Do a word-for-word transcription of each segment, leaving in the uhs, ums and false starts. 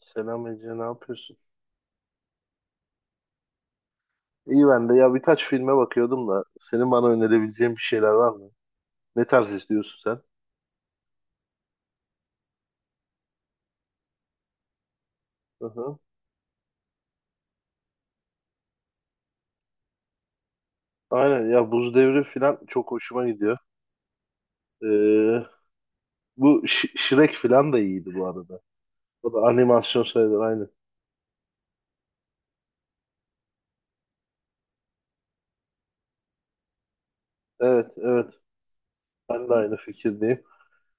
Selam Ece, ne yapıyorsun? İyi ben de ya birkaç filme bakıyordum da senin bana önerebileceğin bir şeyler var mı? Ne tarz izliyorsun sen? Hı-hı. Aynen ya Buz Devri falan çok hoşuma gidiyor. Ee, Bu Ş- Shrek falan da iyiydi bu arada. O da animasyon sayılır aynı. Evet evet, ben de aynı fikirdeyim.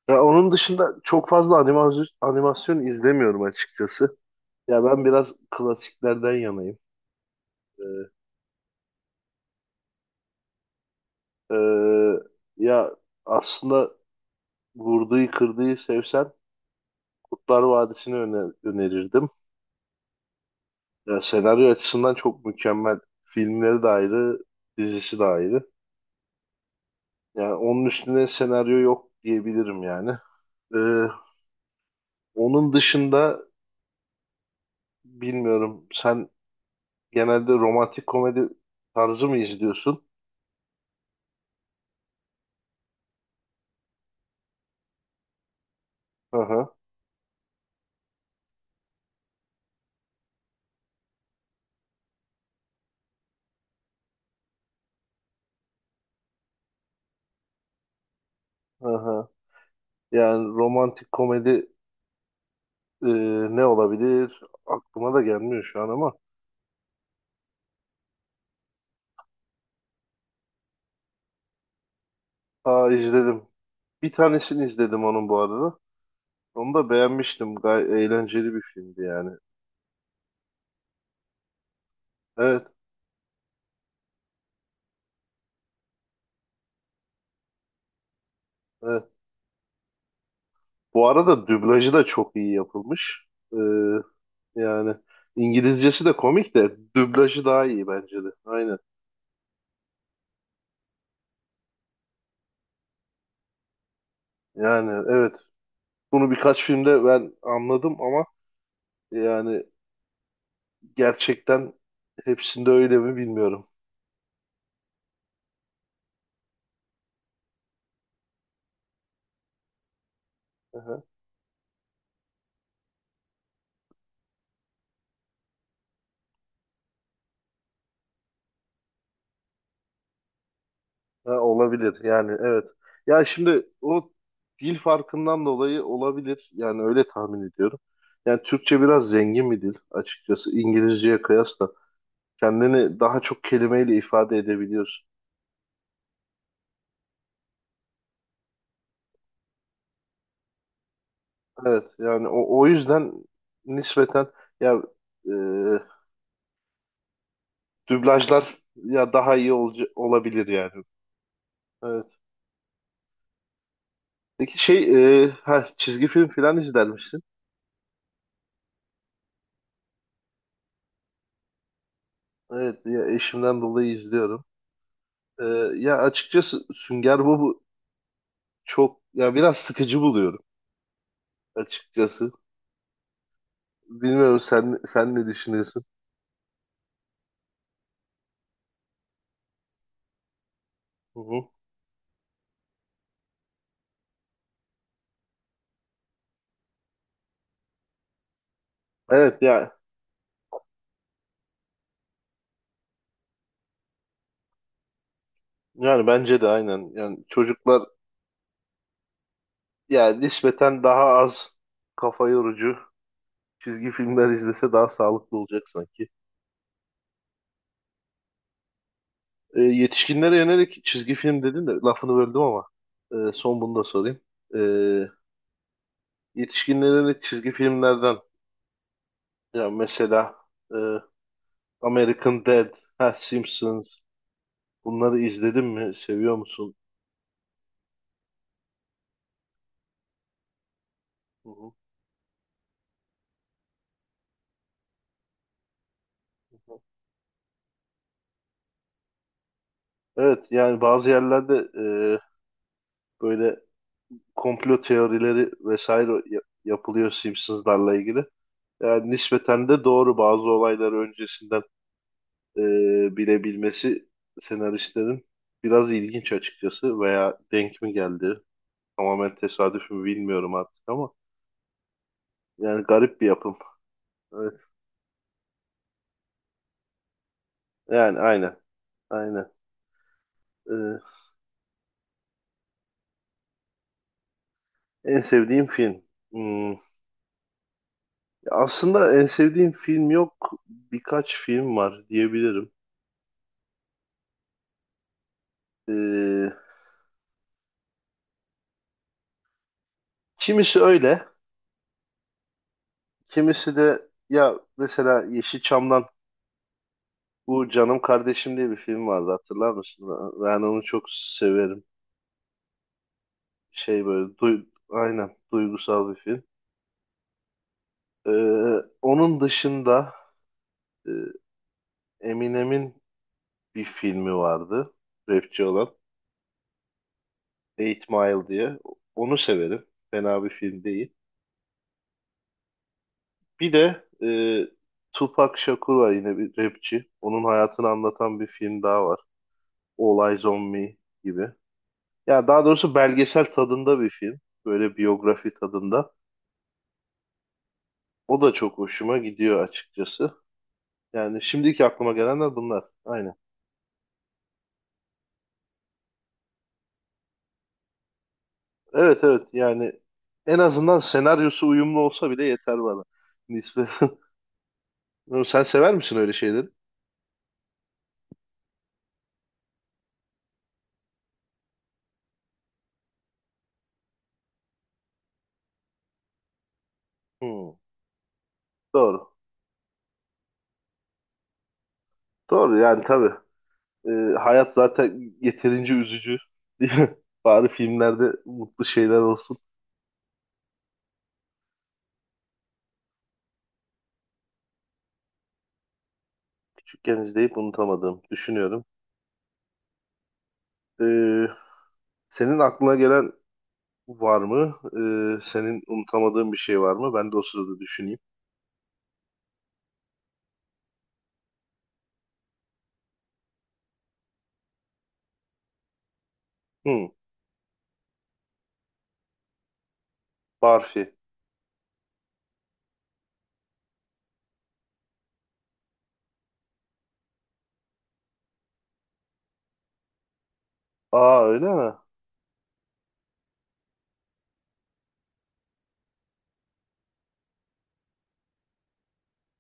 Ya onun dışında çok fazla animasyon, animasyon izlemiyorum açıkçası. Ya ben biraz klasiklerden yanayım. Ee, ee, Ya aslında vurduğu kırdığı sevsen Kurtlar Vadisi'ni öne- önerirdim. Ya senaryo açısından çok mükemmel. Filmleri de ayrı, dizisi de ayrı. Yani onun üstüne senaryo yok diyebilirim yani. Ee, Onun dışında bilmiyorum. Sen genelde romantik komedi tarzı mı izliyorsun? Hı hı, hı hı. Yani romantik komedi, e, ne olabilir? Aklıma da gelmiyor şu an ama. Aa, izledim. Bir tanesini izledim onun bu arada. Onu da beğenmiştim. Gay eğlenceli bir filmdi yani. Evet, evet. Bu arada dublajı da çok iyi yapılmış. Ee, Yani İngilizcesi de komik de dublajı daha iyi bence de. Aynen. Yani evet. Bunu birkaç filmde ben anladım ama yani gerçekten hepsinde öyle mi bilmiyorum. Aha. Ha, olabilir yani evet. Ya şimdi o dil farkından dolayı olabilir. Yani öyle tahmin ediyorum. Yani Türkçe biraz zengin bir dil açıkçası İngilizceye kıyasla. Kendini daha çok kelimeyle ifade edebiliyorsun. Evet yani o, o yüzden nispeten ya e, dublajlar ya daha iyi olca, olabilir yani. Evet. Peki şey, e, ha, çizgi film filan izler misin? Evet ya eşimden dolayı izliyorum. E, Ya açıkçası Sünger Bob çok ya biraz sıkıcı buluyorum açıkçası. Bilmiyorum, sen sen ne düşünüyorsun? Hı hı. Evet ya yani bence de aynen. Yani çocuklar yani nispeten daha az kafa yorucu çizgi filmler izlese daha sağlıklı olacak sanki. E, yetişkinlere yönelik çizgi film dedin de lafını böldüm ama e, son bunu da sorayım. E, Yetişkinlere yönelik çizgi filmlerden ya mesela, e, American Dad, ha, Simpsons, bunları izledin mi? Seviyor musun? Hı hı. Evet yani bazı yerlerde, e, böyle komplo teorileri vesaire ya- yapılıyor Simpsons'larla ilgili. Yani nispeten de doğru bazı olayları öncesinden, e, bilebilmesi senaristlerin biraz ilginç açıkçası, veya denk mi geldi tamamen tesadüf mü bilmiyorum artık ama yani garip bir yapım. Evet, yani aynen aynen. E, en sevdiğim film. Hmm, aslında en sevdiğim film yok, birkaç film var diyebilirim. E, kimisi öyle, kimisi de ya mesela Yeşilçam'dan bu Canım Kardeşim diye bir film vardı, hatırlar mısın? Ben onu çok severim. Şey böyle duy, aynen duygusal bir film. Ee, Onun dışında, e, Eminem'in bir filmi vardı. Rapçi olan, Eight Mile diye. Onu severim. Fena bir film değil. Bir de e, Tupac Shakur var, yine bir rapçi. Onun hayatını anlatan bir film daha var. All Eyes on Me gibi. Ya daha doğrusu belgesel tadında bir film. Böyle biyografi tadında. O da çok hoşuma gidiyor açıkçası. Yani şimdiki aklıma gelenler bunlar. Aynen. Evet evet, yani en azından senaryosu uyumlu olsa bile yeter bana. Nispeten. Sen sever misin öyle şeyleri? Hmm, doğru. Doğru yani tabii. Ee, Hayat zaten yeterince üzücü. Değil mi? Bari filmlerde mutlu şeyler olsun. Küçükken izleyip unutamadım. Düşünüyorum. Ee, Senin aklına gelen var mı? Ee, senin unutamadığın bir şey var mı? Ben de o sırada düşüneyim. Hmm, Barfi. Aa, öyle mi?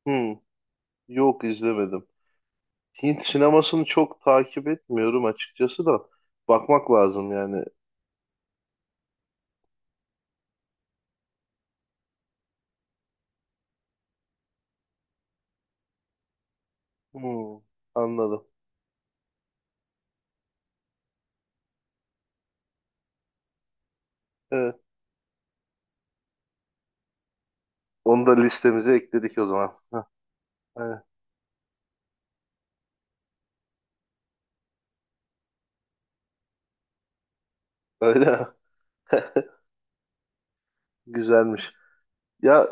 Hmm, yok izlemedim. Hint sinemasını çok takip etmiyorum açıkçası da. Bakmak lazım yani. Hmm, anladım. Evet. Onu da listemize ekledik o zaman. Heh, evet. Öyle mi? Güzelmiş. Ya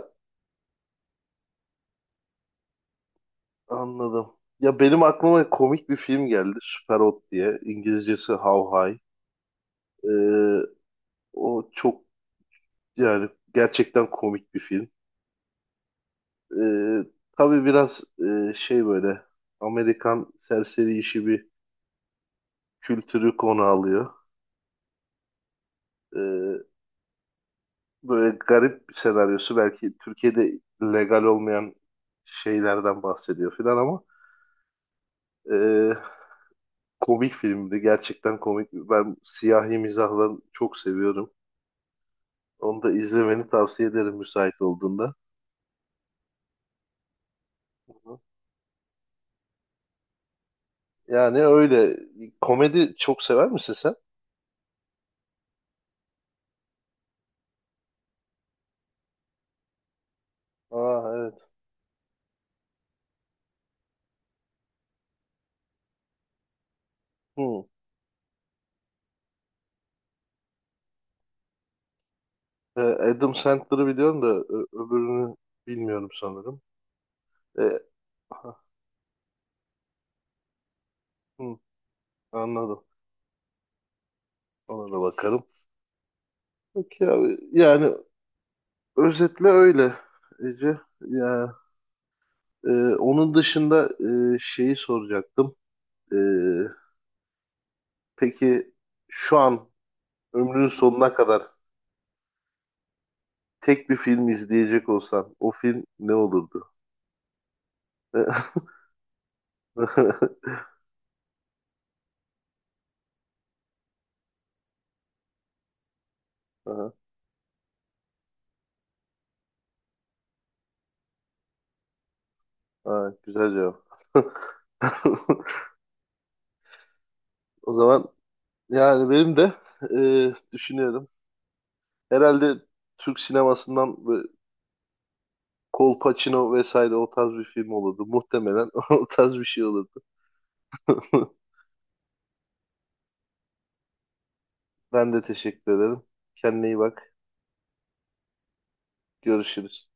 anladım. Ya benim aklıma komik bir film geldi. Super Hot diye. İngilizcesi How High. Ee, O çok, yani gerçekten komik bir film. Ee, tabii biraz, e, şey böyle Amerikan serseri işi bir kültürü konu alıyor. Ee, Böyle garip bir senaryosu, belki Türkiye'de legal olmayan şeylerden bahsediyor filan ama e, komik filmdi. Gerçekten komik. Ben siyahi mizahları çok seviyorum. Onu da izlemeni tavsiye ederim müsait olduğunda. Yani öyle. Komedi çok sever misin sen? Aa evet. Hı. E, Adam Sandler'ı biliyorum da ö- öbürünü bilmiyorum sanırım. E, ha, hı, Anladım. Ona da bakarım. Peki abi. Yani özetle öyle Ece. Ya, e, onun dışında e, şeyi soracaktım. E, peki şu an ömrünün sonuna kadar tek bir film izleyecek olsan o film ne olurdu? Aha, ha, güzel cevap. O zaman yani benim de, e, düşünüyorum. Herhalde Türk sinemasından böyle Kolpaçino vesaire o tarz bir film olurdu. Muhtemelen o tarz bir şey olurdu. Ben de teşekkür ederim. Kendine iyi bak. Görüşürüz.